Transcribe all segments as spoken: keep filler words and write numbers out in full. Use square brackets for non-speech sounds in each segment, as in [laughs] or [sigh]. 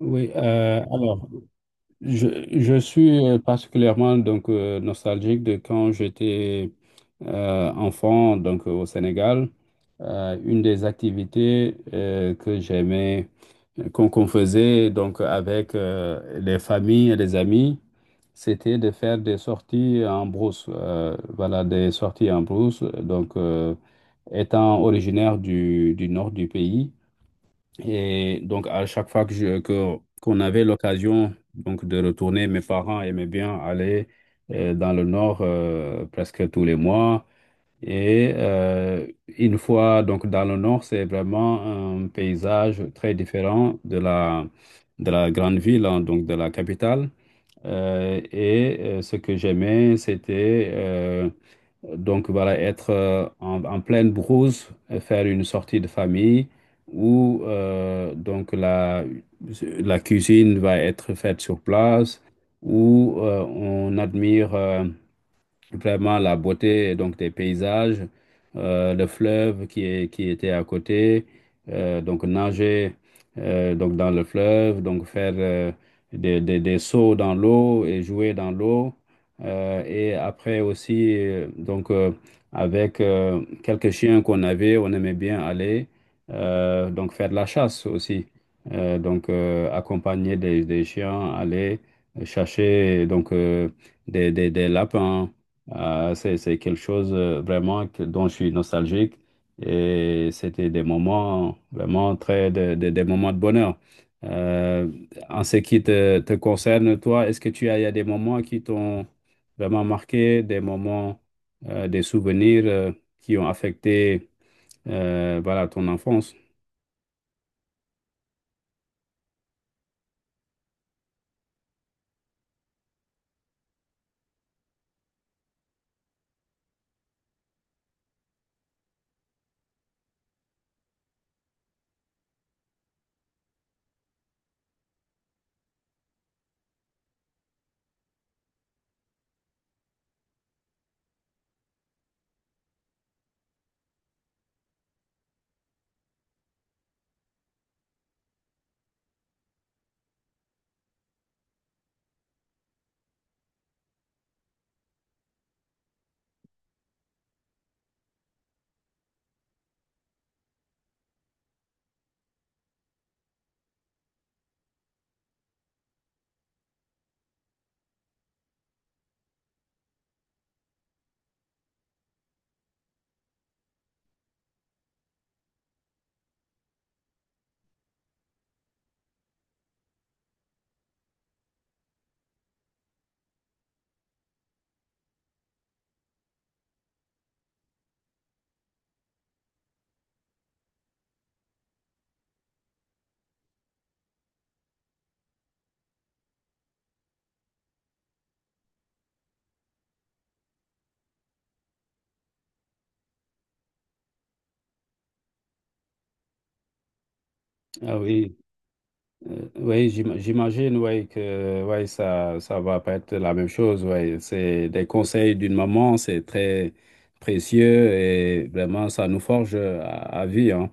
Oui, euh, alors, je, je suis euh, particulièrement donc, euh, nostalgique de quand j'étais euh, enfant donc, euh, au Sénégal. Euh, une des activités euh, que j'aimais, euh, qu'on qu'on faisait donc, avec euh, les familles et les amis, c'était de faire des sorties en brousse. Euh, voilà, des sorties en brousse. Donc, euh, étant originaire du, du nord du pays, et donc, à chaque fois que je- que- qu'on avait l'occasion donc de retourner, mes parents aimaient bien aller euh, dans le nord euh, presque tous les mois. Et euh, une fois donc dans le nord, c'est vraiment un paysage très différent de la de la grande ville, hein, donc de la capitale. Euh, et euh, ce que j'aimais, c'était euh, donc voilà, être euh, en, en pleine brousse, euh, faire une sortie de famille où euh, donc la, la cuisine va être faite sur place, où euh, on admire euh, vraiment la beauté donc des paysages, euh, le fleuve qui est, qui était à côté, euh, donc nager euh, donc dans le fleuve, donc faire euh, des, des, des sauts dans l'eau et jouer dans l'eau. Euh, et après aussi, euh, donc euh, avec euh, quelques chiens qu'on avait, on aimait bien aller euh, donc faire de la chasse aussi. Euh, donc euh, accompagner des, des chiens, aller chercher donc euh, des, des, des lapins, euh, c'est, c'est quelque chose euh, vraiment que- dont je suis nostalgique, et c'était des moments vraiment très de- de- des moments de bonheur. Euh, En ce qui te, te concerne, toi, est-ce que tu as, il y a des moments qui t'ont vraiment marqué, des moments, euh, des souvenirs euh, qui ont affecté, euh, voilà, ton enfance? Ah oui. Euh, Oui, j'im- j'imagine, oui, que ouais, ça ça va pas être la même chose. Ouais, c'est des conseils d'une maman, c'est très précieux et vraiment, ça nous forge euh, à, à vie, hein.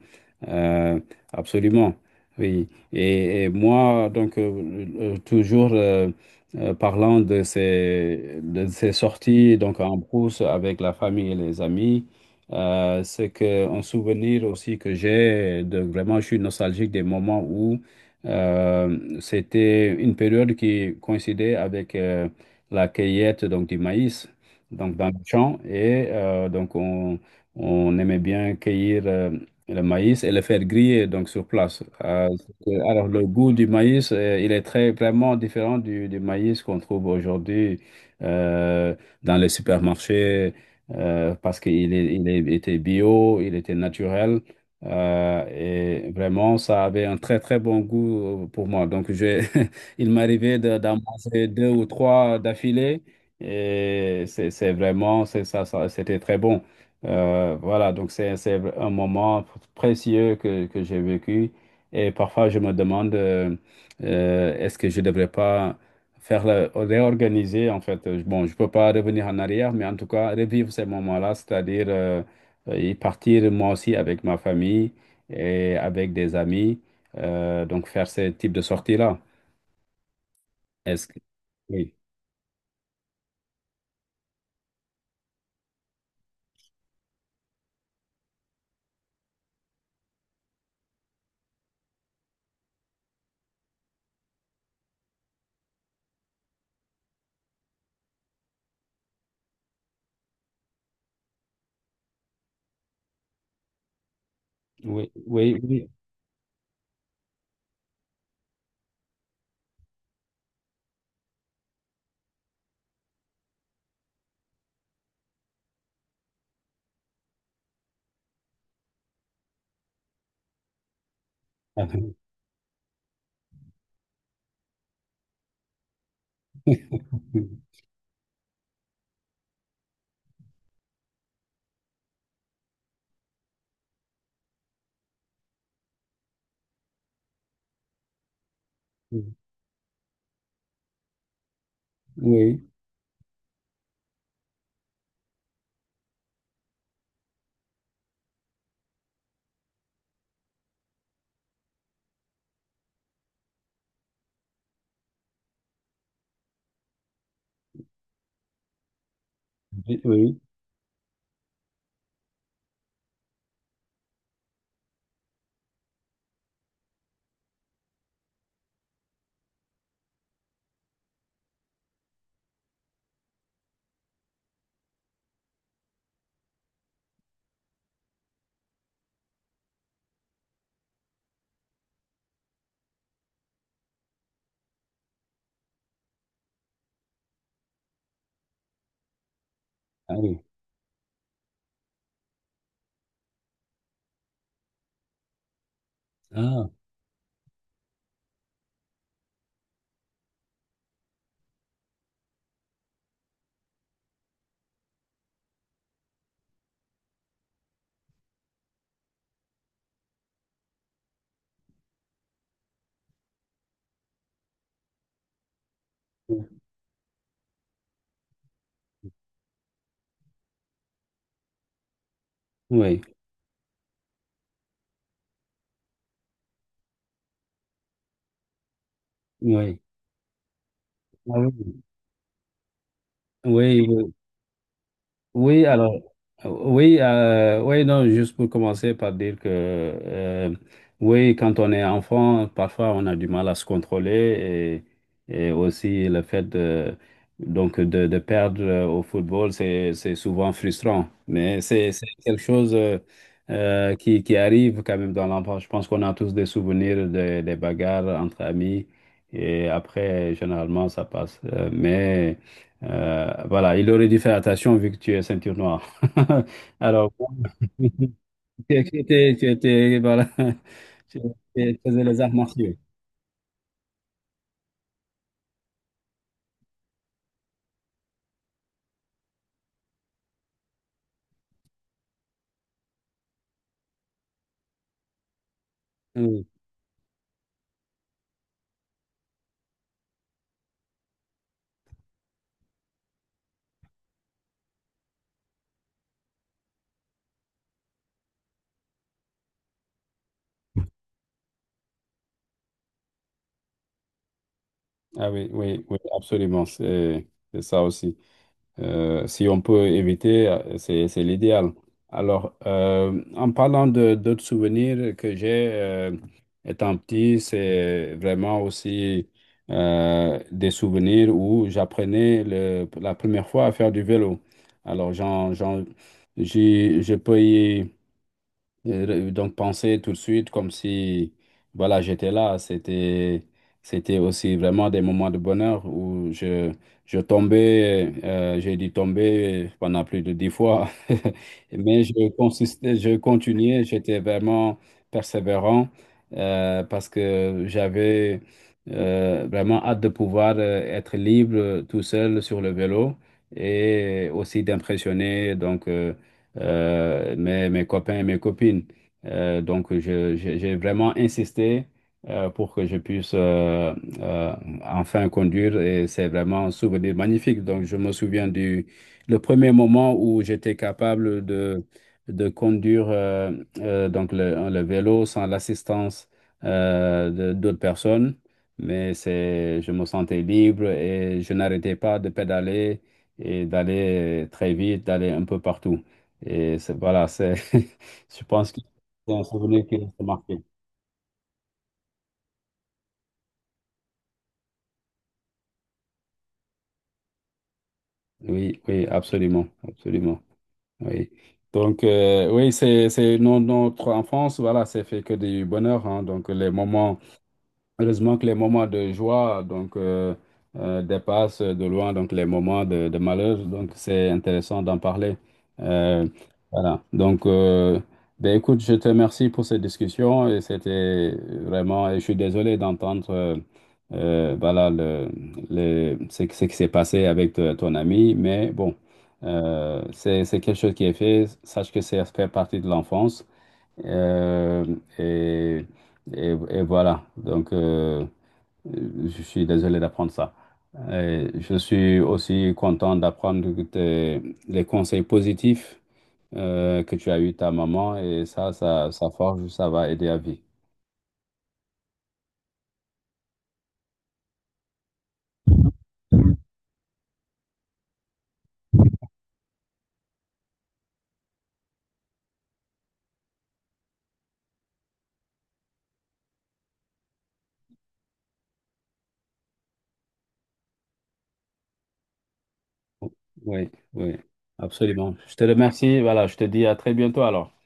Euh, Absolument. Oui. Et, et moi, donc, euh, euh, toujours euh, euh, parlant de ces, de ces sorties donc en brousse avec la famille et les amis, euh, c'est que un souvenir aussi que j'ai de vraiment, je suis nostalgique des moments où. Euh, c'était une période qui coïncidait avec euh, la cueillette donc, du maïs donc, dans le champ. Et euh, donc, on, on aimait bien cueillir euh, le maïs et le faire griller donc, sur place. Euh, c'était- alors, le goût du maïs, euh, il est très, vraiment différent du, du maïs qu'on trouve aujourd'hui euh, dans les supermarchés, euh, parce qu'il est- il est- était bio, il était naturel. Euh, et vraiment, ça avait un très, très bon goût euh, pour moi. Donc, j'ai, [laughs] il m'arrivait de- d'en manger deux ou trois d'affilée. Et c'est c'est vraiment, c'est ça, ça- c'était très bon. Euh, voilà, donc c'est c'est un moment précieux que, que j'ai vécu. Et parfois, je me demande, euh, euh, est-ce que je ne devrais pas faire le, réorganiser, en fait. Euh, Bon, je ne peux pas revenir en arrière, mais en tout cas, revivre ces moments-là, c'est-à-dire... euh, euh, y partir moi aussi avec ma famille et avec des amis, euh, donc faire ce type de sortie-là. Est-ce que... Oui, oui, oui, oui. Ah, [laughs] oui, oui, oui. Ah oui. Ah, oui, oui. Ah oui. Oui, oui. Oui, alors, euh, oui, euh, oui, non, juste pour commencer par dire que, euh, oui, quand on est enfant, parfois on a du mal à se contrôler, et, et aussi le fait de, donc de, de perdre euh, au football, c'est, c'est souvent frustrant. Mais c'est, c'est quelque chose, euh, euh, qui, qui arrive quand même dans l'enfance. Je pense qu'on a tous des souvenirs de- des bagarres entre amis, et après, généralement, ça passe. Euh, mais. Euh, voilà, il aurait dû faire attention vu que tu es ceinture noire. [laughs] Alors, bon, tu étais, tu étais, voilà, [laughs] tu tu faisais les arts martiaux. Oui. Ah oui, oui, oui, absolument, c'est c'est ça aussi. Euh, si on peut éviter, euh, c'est, c'est l'idéal. Alors, euh, en parlant de d'autres souvenirs que j'ai, euh, étant petit, c'est vraiment aussi euh, des souvenirs où j'apprenais le- la première fois à faire du vélo. Alors, j'en, j'en- j'y- je peux y et re- donc penser tout de suite, comme si voilà j'étais là. C'était c'était aussi vraiment des moments de bonheur où je je tombais, euh, j'ai dû tomber pendant plus de dix fois, [laughs] mais je consistais je continuais, j'étais vraiment persévérant, euh, parce que j'avais euh, vraiment hâte de pouvoir euh, être libre tout seul sur le vélo, et aussi d'impressionner donc euh, euh, mes, mes copains et mes copines. Euh, donc, je- je- j'ai vraiment insisté euh, pour que je puisse euh, euh, enfin conduire, et c'est vraiment un souvenir magnifique. Donc, je me souviens du le premier moment où j'étais capable de, de conduire, euh, euh, donc le, le vélo sans l'assistance euh, de- d'autres personnes. Mais c'est, je me sentais libre et je n'arrêtais pas de pédaler et d'aller très vite, d'aller un peu partout. Et c'est, voilà, c'est, [laughs] je pense que c'est un souvenir qui reste marqué. Oui, oui, absolument, absolument. Oui. Donc, euh, oui, c'est, c'est non, notre enfance, voilà, c'est fait que du bonheur, hein. Donc les moments. Heureusement que les moments de joie donc, euh, euh, dépassent de loin donc, les moments de, de malheur. Donc, c'est intéressant d'en parler. Euh, voilà. Donc, euh, ben, écoute, je te remercie pour cette discussion. Et c'était vraiment. Et je suis désolé d'entendre, euh, euh, voilà, le, le- ce, ce qui s'est passé avec te- ton ami. Mais bon, euh, c'est c'est quelque chose qui est fait. Sache que ça fait partie de l'enfance. Euh, et, et- et voilà, donc euh, je suis désolé d'apprendre ça. Et je suis aussi content d'apprendre tes- les conseils positifs euh, que tu as eu de ta maman, et ça, ça, ça forge, ça va aider à vie. Oui, oui, absolument. Je te remercie. Voilà, je te dis à très bientôt alors.